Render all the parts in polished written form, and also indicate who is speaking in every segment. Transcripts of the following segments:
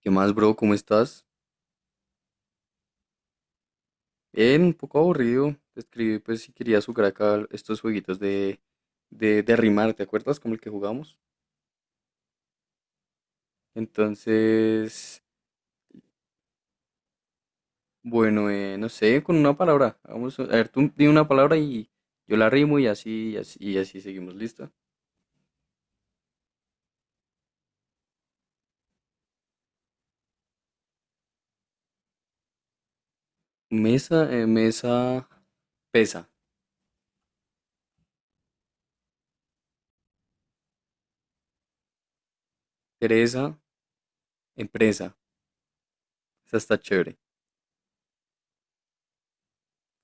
Speaker 1: ¿Qué más, bro? ¿Cómo estás? Bien, un poco aburrido. Te escribí pues si querías jugar acá estos jueguitos de rimar, ¿te acuerdas? Como el que jugamos. Entonces, bueno, no sé, con una palabra. Vamos a ver, tú di una palabra y yo la rimo y así, y así, y así seguimos, ¿lista? Mesa, mesa, pesa. Pereza, empresa. Esa está chévere.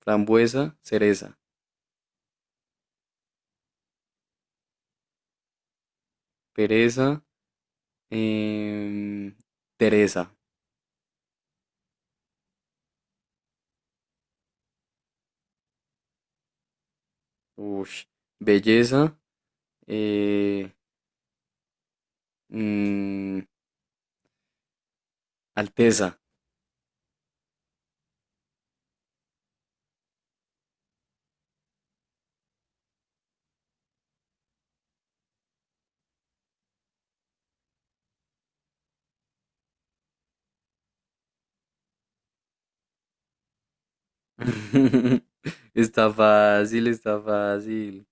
Speaker 1: Frambuesa, cereza. Pereza, em, Teresa. Ush. Belleza, Eh, mm, alteza. Está fácil, está fácil.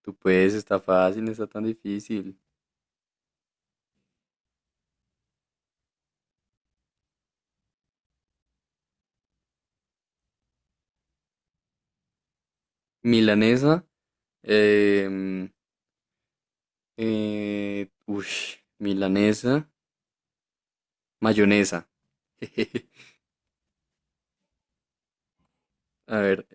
Speaker 1: Tú puedes, está fácil, no está tan difícil. Milanesa. em, ush, milanesa. Mayonesa. A ver,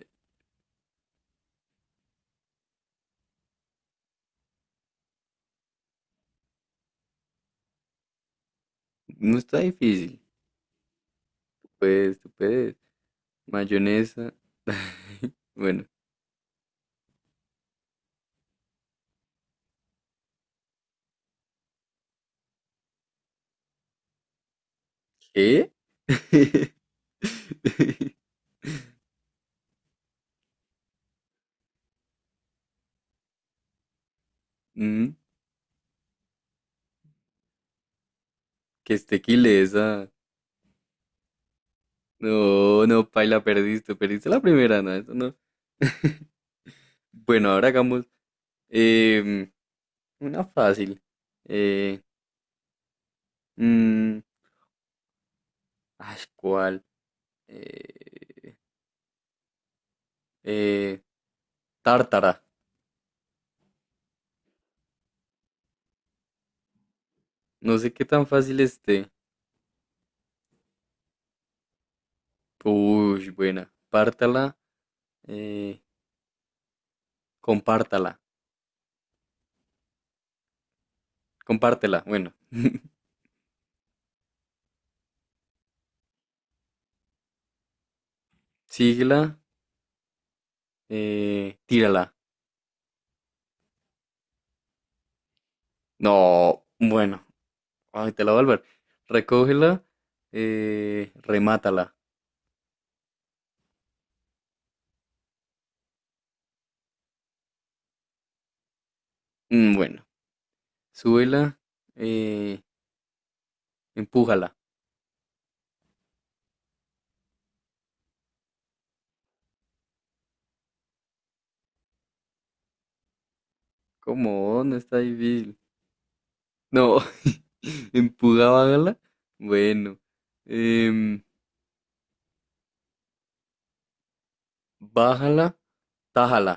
Speaker 1: no está difícil. Tú puedes, tú puedes. Mayonesa. Bueno, ¿qué? Mm, que esté quilesa. No, no, paila, perdiste, perdiste la primera, no, eso no. Bueno, ahora hagamos em, una fácil. Eh, mm, ay, ¿cuál? Eh, eh, tártara. No sé qué tan fácil esté. Uy, buena. Pártala, eh, compártala, compártela, bueno. Síguela, tírala. No, bueno, ay, te la voy a volver. Recógela, remátala. Mm, bueno, súbela, eh, empújala. ¿Cómo? No está difícil. No, empuja, bájala. Bueno, em, bájala, tájala.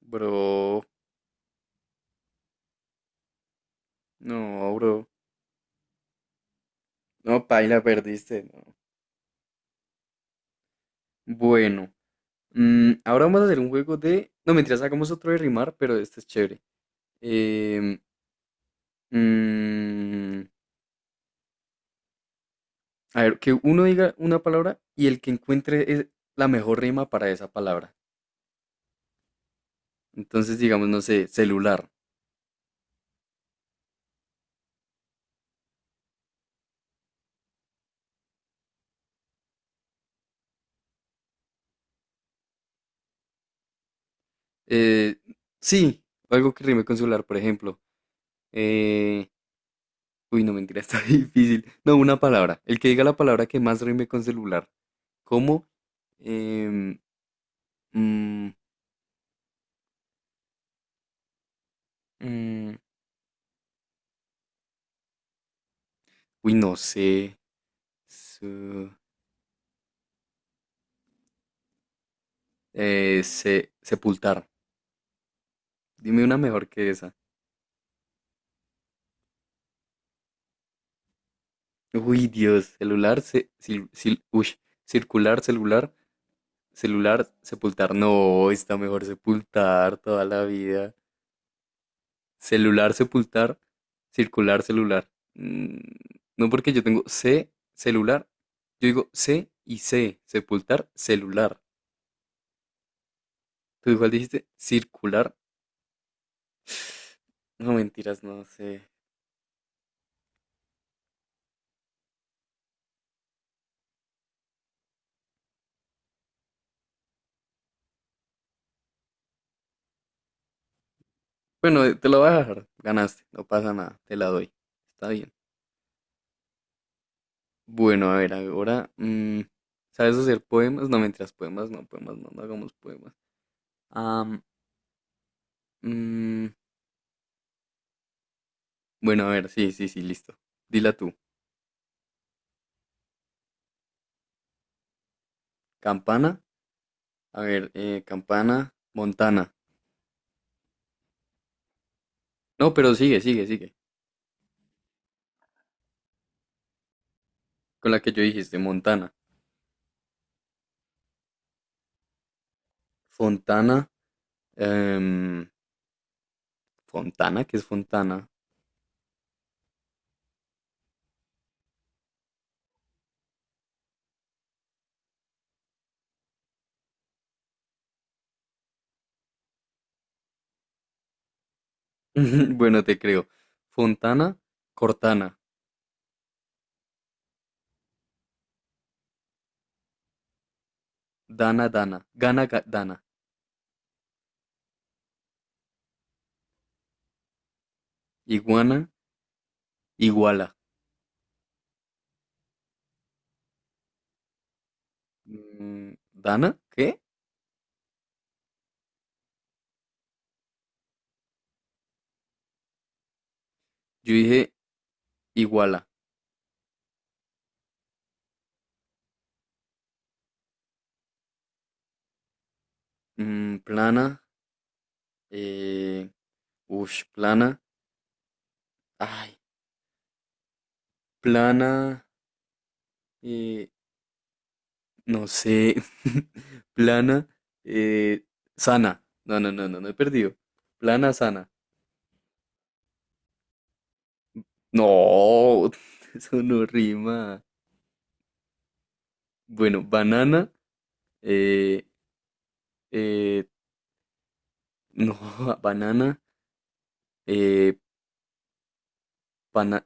Speaker 1: Bro, no, bro. No, paila, perdiste. No. Bueno, mm, ahora vamos a hacer un juego de. No, mentiras, sacamos otro de rimar, pero este es chévere. Em, mm, a ver, que uno diga una palabra y el que encuentre la mejor rima para esa palabra. Entonces, digamos, no sé, celular. Eh, sí, algo que rime con celular, por ejemplo. Eh, uy, no mentira, está difícil. No, una palabra. El que diga la palabra que más rime con celular. ¿Cómo? Em, mm, mm, uy, no sé. Su- sepultar. Dime una mejor que esa. Uy, Dios. Celular, se, uy, circular, celular, celular, sepultar. No, está mejor sepultar toda la vida. Celular, sepultar, circular, celular. Mm, no porque yo tengo C, celular. Yo digo C y C, sepultar, celular. Tú igual dijiste circular. No mentiras, no sé. Bueno, te lo voy a dejar. Ganaste, no pasa nada, te la doy. Está bien. Bueno, a ver, ahora, mm, ¿sabes hacer poemas? No mentiras, poemas, no, no hagamos poemas. Am, mm, bueno, a ver, sí, sí, sí, listo. Dila tú. Campana. A ver, campana, Montana. No, pero sigue, sigue, sigue. Con la que yo dijiste, Montana. Fontana, em, Fontana, ¿qué es Fontana? Bueno, te creo. Fontana, Cortana, Dana, Dana, gana, Dana, iguana, iguala. Mm, ¿Dana? ¿Qué? Yo dije iguala. Mm, plana, eh, ush, plana. Ay, plana, eh, no sé. Plana, eh, sana. No, no, no, no, no he perdido. Plana, sana. No, eso no rima. Bueno, banana, eh, eh, no, banana, eh, pana-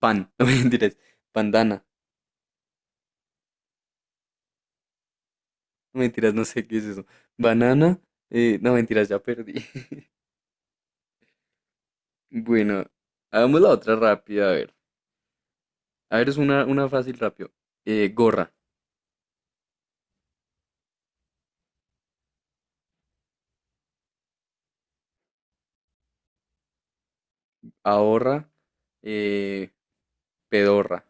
Speaker 1: no mentiras, pandana, no mentiras, no sé qué es eso. Banana, no mentiras, ya perdí. Bueno, hagamos la otra rápida, a ver. A ver, es una fácil rápido. Gorra, ahorra, eh, pedorra.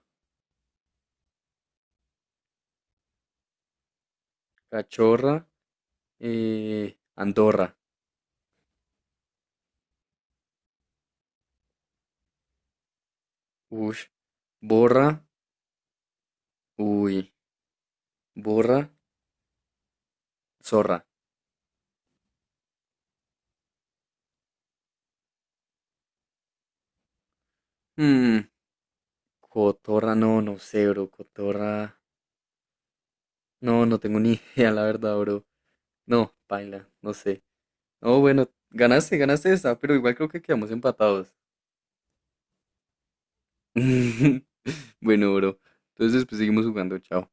Speaker 1: Cachorra, Andorra, ush, borra, uy, borra, zorra. Mm, cotorra, no, no sé, bro, cotorra, no, no tengo ni idea, la verdad, bro. No, paila, no sé. No, bueno, ganaste, ganaste esta, pero igual creo que quedamos empatados. Bueno, bro, entonces pues seguimos jugando, chao.